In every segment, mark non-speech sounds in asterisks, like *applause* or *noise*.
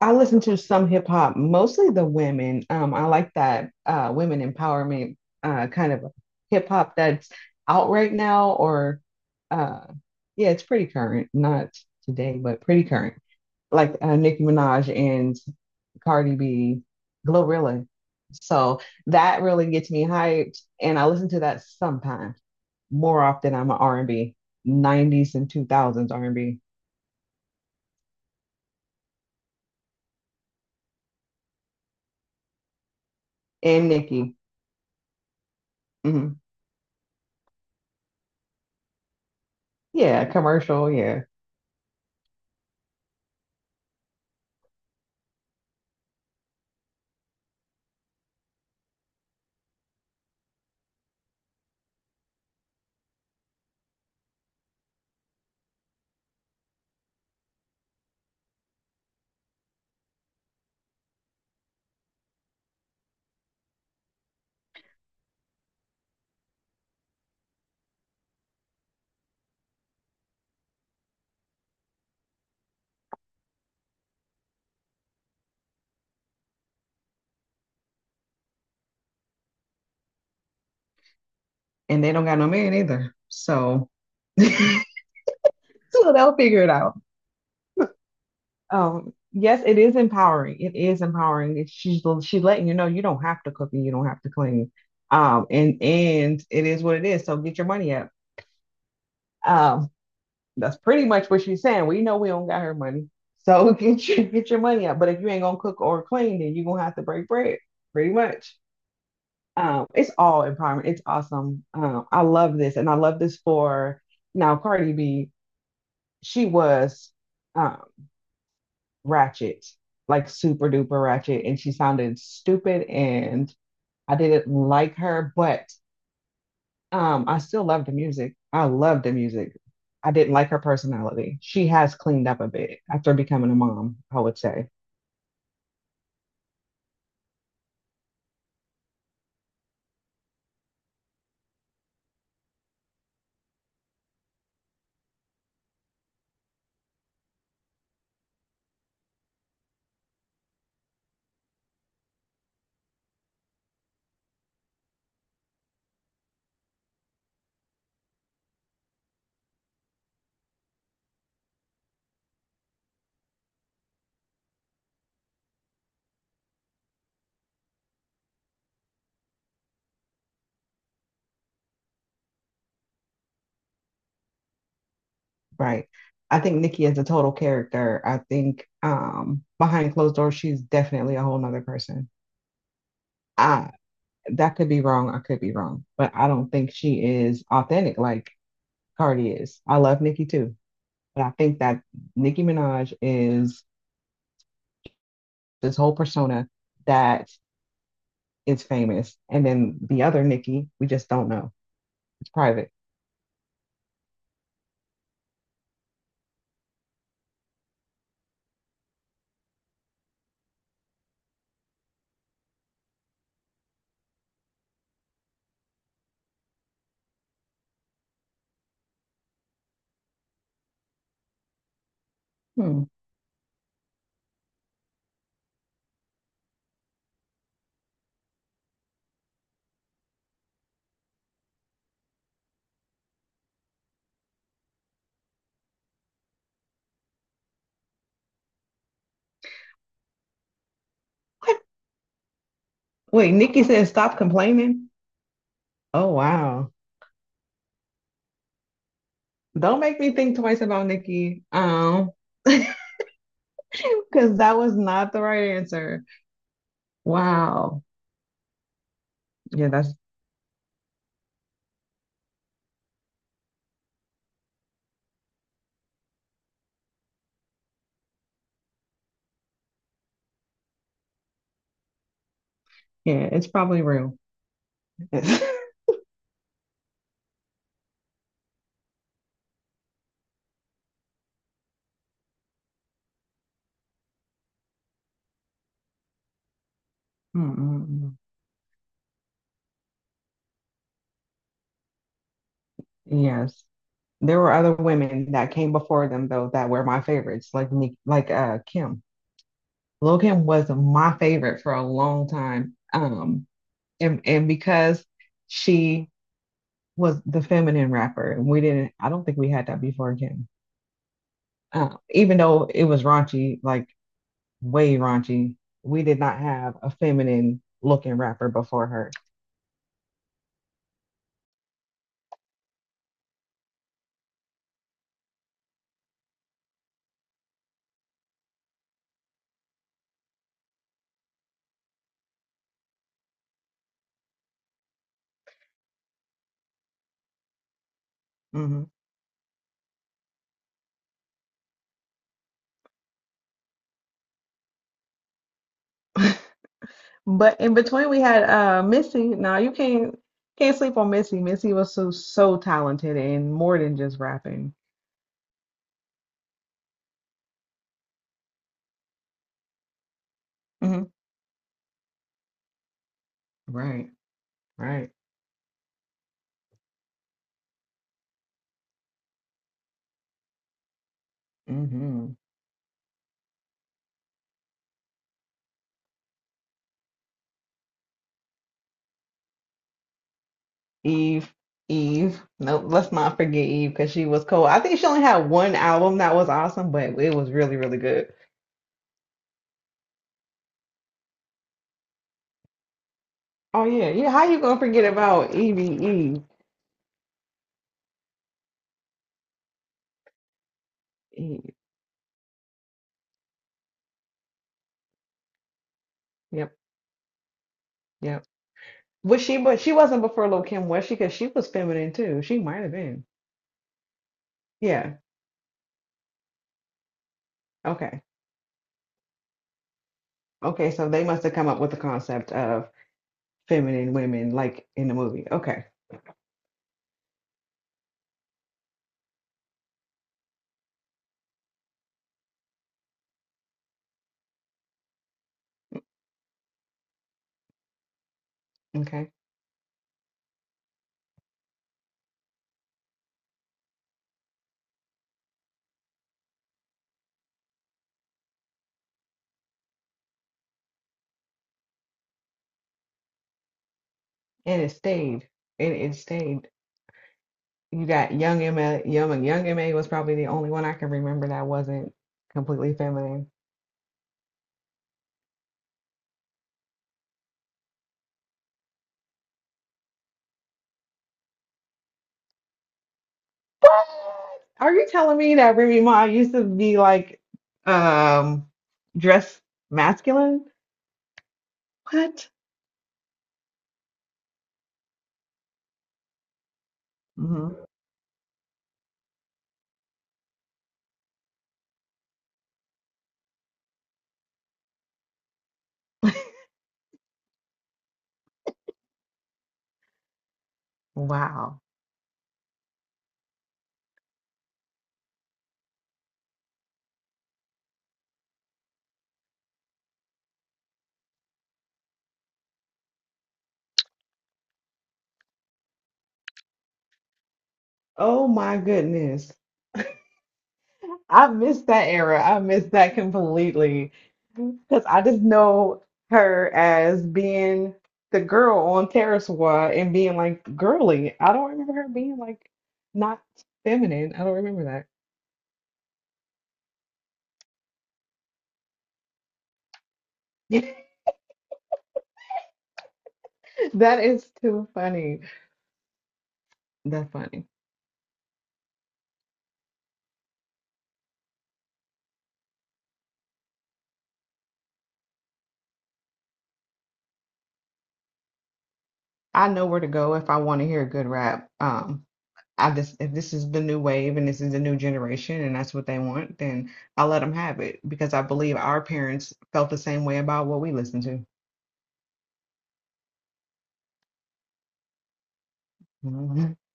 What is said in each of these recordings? I listen to some hip hop, mostly the women. I like that women empowerment kind of hip hop that's out right now, or uh, yeah, it's pretty current, not today, but pretty current. Like Nicki Minaj and Cardi B, Glorilla. So that really gets me hyped, and I listen to that sometimes. More often, I'm an R&B, 90s and 2000s R&B, and B, and Nicki. Hmm. Yeah, commercial, yeah. And they don't got no man either. So, *laughs* so they'll figure it out. Yes, it is empowering. It is empowering. She's letting you know you don't have to cook and you don't have to clean. And it is what it is. So get your money up. Um, that's pretty much what she's saying. We know we don't got her money, so *laughs* get your money up. But if you ain't gonna cook or clean, then you're gonna have to break bread, pretty much. It's all empowerment. It's awesome. I love this, and I love this for now. Cardi B, she was, um, ratchet, like super duper ratchet, and she sounded stupid, and I didn't like her, but I still loved the music. I loved the music. I didn't like her personality. She has cleaned up a bit after becoming a mom, I would say, right? I think Nikki is a total character. I think, behind closed doors, she's definitely a whole nother person. I, that could be wrong. I could be wrong, but I don't think she is authentic like Cardi is. I love Nikki too. But I think that Nicki Minaj is this whole persona that is famous. And then the other Nicki, we just don't know. It's private. Hmm. What? Wait, Nicki says stop complaining. Oh wow. Don't make me think twice about Nicki. *laughs* Because that was not the right answer. Wow. Yeah, that's, yeah, it's probably real. *laughs* Yes. There were other women that came before them though that were my favorites, like Nick, like Kim. Logan was my favorite for a long time. And because she was the feminine rapper, and we didn't, I don't think we had that before Kim. Even though it was raunchy, like way raunchy, we did not have a feminine looking rapper before her. Mhm. *laughs* But in between, we had Missy. Now you can't sleep on Missy. Missy was so talented and more than just rapping. Mhm. Right, right. Mm-hmm. Eve, Eve. Nope, let's not forget Eve because she was cool. I think she only had one album that was awesome, but it was really, really good. Oh yeah, yeah. How you gonna forget about Evie Eve? Eve. Yep, yep. Was she? But she wasn't before Lil Kim, was she? Because she was feminine too. She might have been. Yeah. Okay. Okay. So they must have come up with the concept of feminine women, like in the movie. Okay. Okay. And it stayed. And it stayed. You got Young M.A. Young and Young M.A. was probably the only one I can remember that wasn't completely feminine. What? Are you telling me that Remy Ma used to be like, um dressed masculine? What? Hmm. Wow. Oh my goodness. I miss that era. I miss that completely. Because I just know her as being the girl on Terrace Squad and being like girly. I don't remember her being like not feminine. I don't remember that. *laughs* That is too funny. That's funny. I know where to go if I want to hear good rap. I just, if this is the new wave and this is the new generation and that's what they want, then I let them have it because I believe our parents felt the same way about what we listened to. *laughs*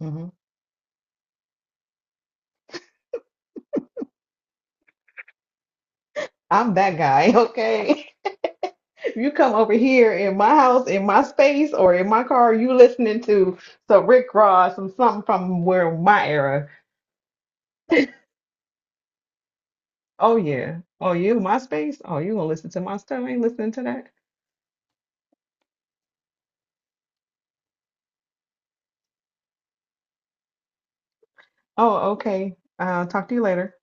Hmm. I'm that guy, *laughs* okay? *laughs* You come over here in my house, in my space, or in my car, you listening to some Rick Ross, some something from where my era. Oh yeah. Oh, you my space? Oh, you gonna listen to my stuff? I ain't listening to that. Oh, okay. Talk to you later.